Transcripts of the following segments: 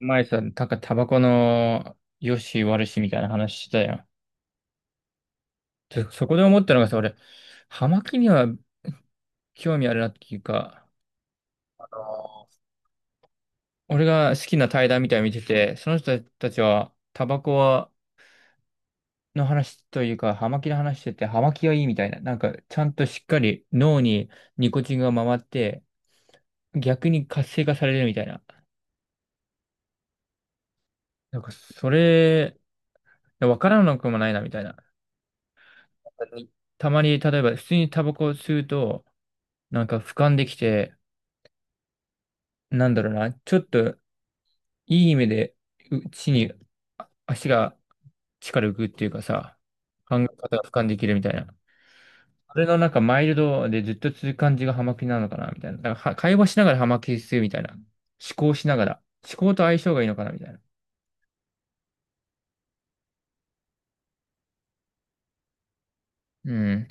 前さ、なんかタバコの良し悪しみたいな話してたやん。でそこで思ったのがさ、俺、葉巻には興味あるなっていうか、俺が好きな対談みたいなの見てて、その人たちはタバコはの話というか、葉巻の話してて、葉巻がいいみたいな、なんかちゃんとしっかり脳にニコチンが回って、逆に活性化されるみたいな。なんかそれ、わからなくもないなみたいな。たまに、例えば普通にタバコを吸うと、なんか俯瞰できて、なんだろうな、ちょっといい意味で、地に足が浮くっていうかさ、考え方が俯瞰できるみたいな。それのなんかマイルドでずっと続く感じがハマキなのかなみたいな。なんかは会話しながらハマキするみたいな。思考しながら。思考と相性がいいのかなみたいな。うん。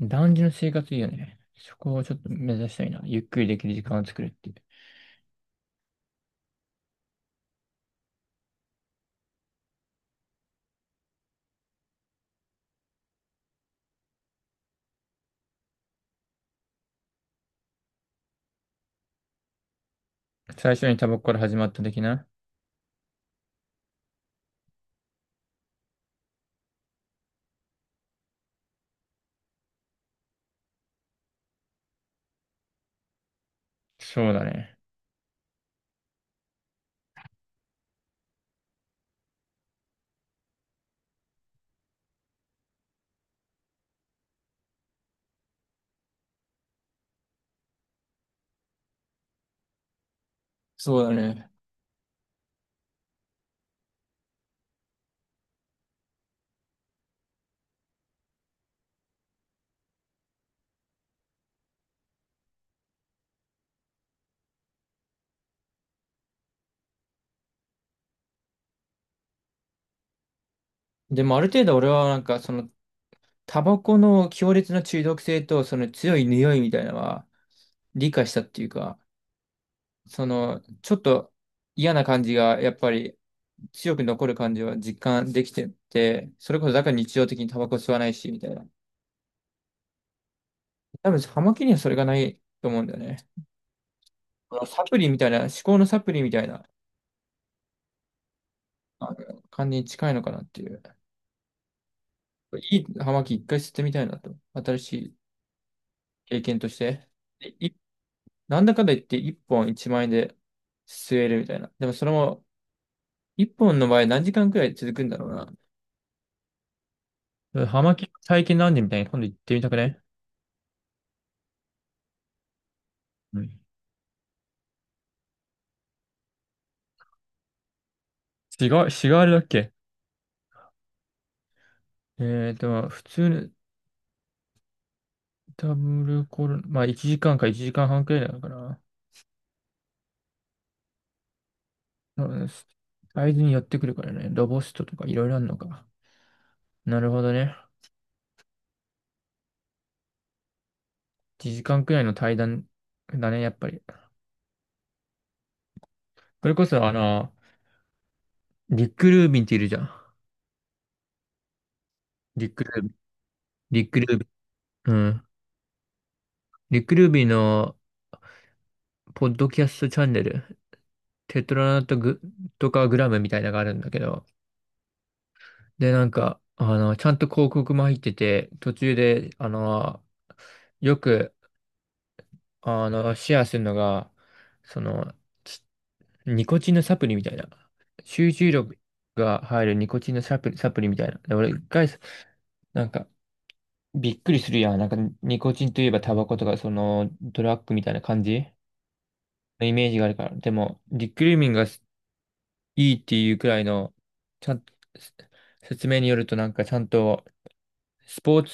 男児の生活いいよね。そこをちょっと目指したいな。ゆっくりできる時間を作るっていう。最初にタバコから始まった的な。そうだね。そうだね。でもある程度俺はなんかそのタバコの強烈な中毒性と、その強い匂いみたいなのは理解したっていうか、その、ちょっと嫌な感じが、やっぱり強く残る感じは実感できてて、それこそだから日常的にタバコ吸わないし、みたいな。多分、葉巻にはそれがないと思うんだよね。このサプリみたいな、思考のサプリみたいな、感じに近いのかなっていう。いい葉巻一回吸ってみたいなと。新しい経験として。でなんだかんだ言って1本1万円で吸えるみたいな。でもそれも、一本の場合何時間くらい続くんだろうな。ハマキ体験なんでみたいに今度行ってみたくね？うん。違う、違う、あれだっけ？普通のダブルコロナ、まあ1時間か1時間半くらいなのかな。うん。サイズに寄ってくるからね。ロボストとかいろいろあるのか。なるほどね。1時間くらいの対談だね、やっぱり。それこそリック・ルービンっているじゃん。リック・ルービン。リック・ルービン。うん。リック・ルービンのポッドキャストチャンネル。テトラナットグとかグラムみたいなのがあるんだけど、で、なんか、ちゃんと広告も入ってて、途中で、よく、シェアするのが、その、ちニコチンのサプリみたいな、集中力が入るニコチンのサプリみたいな。で、俺一回、なんか、びっくりするやん。なんか、ニコチンといえばタバコとか、ドラッグみたいな感じのイメージがあるから。でも、リクルーミンがいいっていうくらいの、ちゃん、説明によるとなんかちゃんとスポー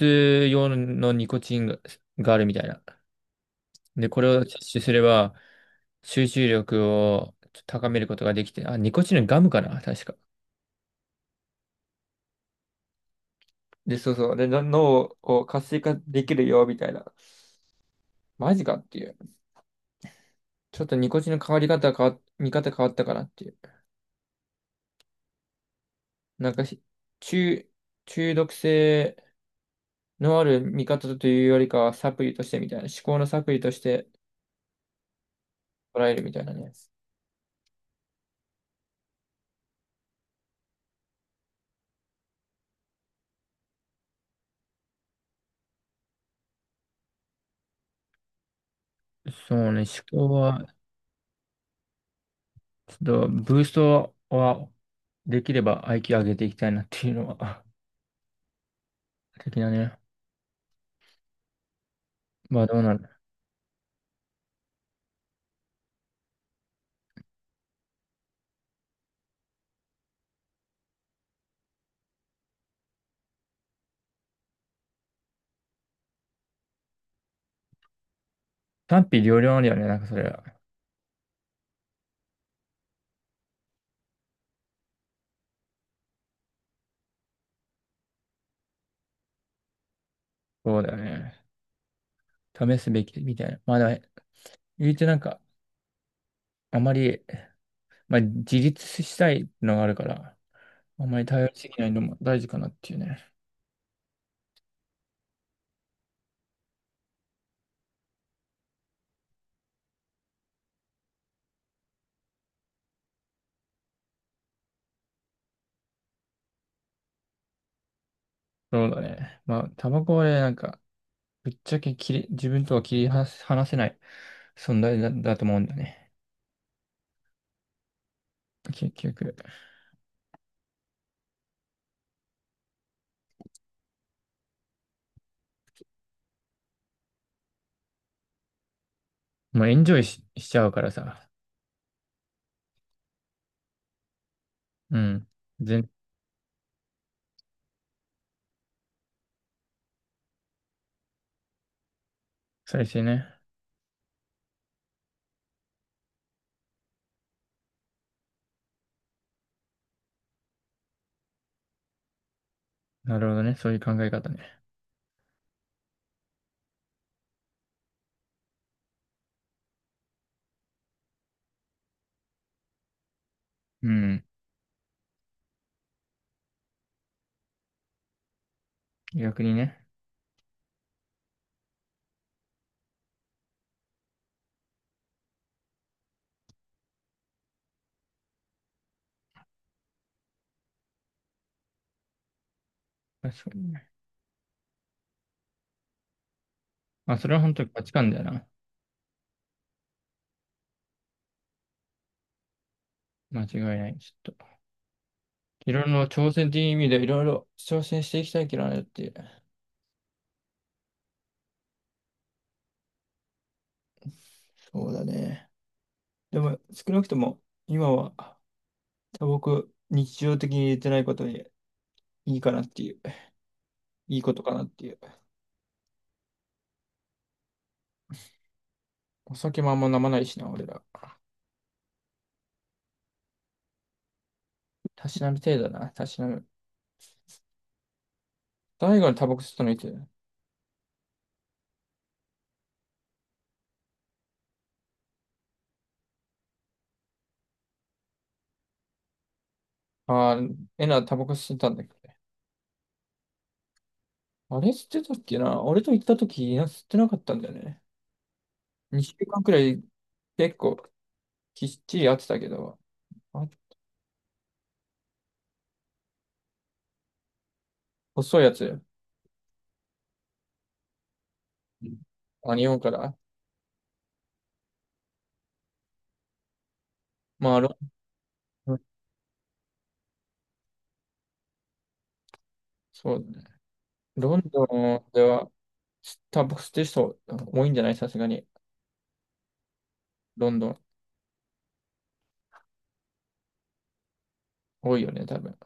ツ用のニコチンがあるみたいな。で、これを摂取すれば集中力を高めることができて、あ、ニコチンのガムかな、確か。で、そうそう。で、脳を活性化できるよ、みたいな。マジかっていう。ちょっとニコチンの変わり方見方変わったかなっていう。なんか中、中毒性のある見方というよりかはサプリとしてみたいな。思考のサプリとして、捉えるみたいなね。そうね、思考は、ちょっと、ブーストは、できれば IQ 上げていきたいなっていうのは、的なね。まあどうなる。賛否両論あるよね、なんかそれは。そうだよね。試すべきみたいな。まあ言うてなんか、あまり、まあ自立したいのがあるから、あまり頼りすぎないのも大事かなっていうね。そうだね。まあ、タバコはね、なんか、ぶっちゃけ自分とは切り離せない存在だと思うんだね。結局。もうエンジョイしちゃうからさ。うん。全、再生ね。なるほどね。そういう考え方ね。うん。逆にね。確かにね。まあ、それは本当に価値観だよな。間違いない。ちょっと。いろいろ挑戦という意味でいろいろ挑戦していきたいけどねっていう。そうだね。でも、少なくとも、今は、僕、日常的に入れてないことでいいかなっていう。いいことかなっていう。お酒もあんま飲まないしな、俺ら。たしなむ程度だな。たしなむ。大悟のタバコ吸ったのいつ？あー、エナタバコ吸ってたんだけどね。あれ吸ってたっけな俺と行った時、いや、吸ってなかったんだよね。2週間くらい結構きっちりやってたけど、あ、細いやつ。うん。あ、日本から。まあ、ン、そうだね。ロンドンでは、タバコ吸ってる人多いんじゃないさすがに。ロンドン。多いよね、多分。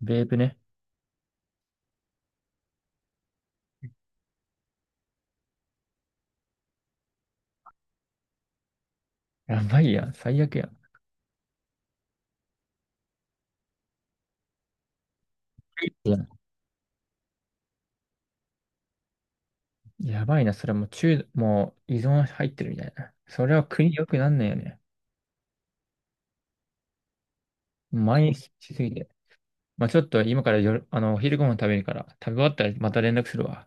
ベープね。やばいやん。最悪やん。いや、やばいな。それもうもう依存入ってるみたいな。それは国良くなんないよね。毎日しすぎて。まあちょっと今からお昼ご飯食べるから、食べ終わったらまた連絡するわ。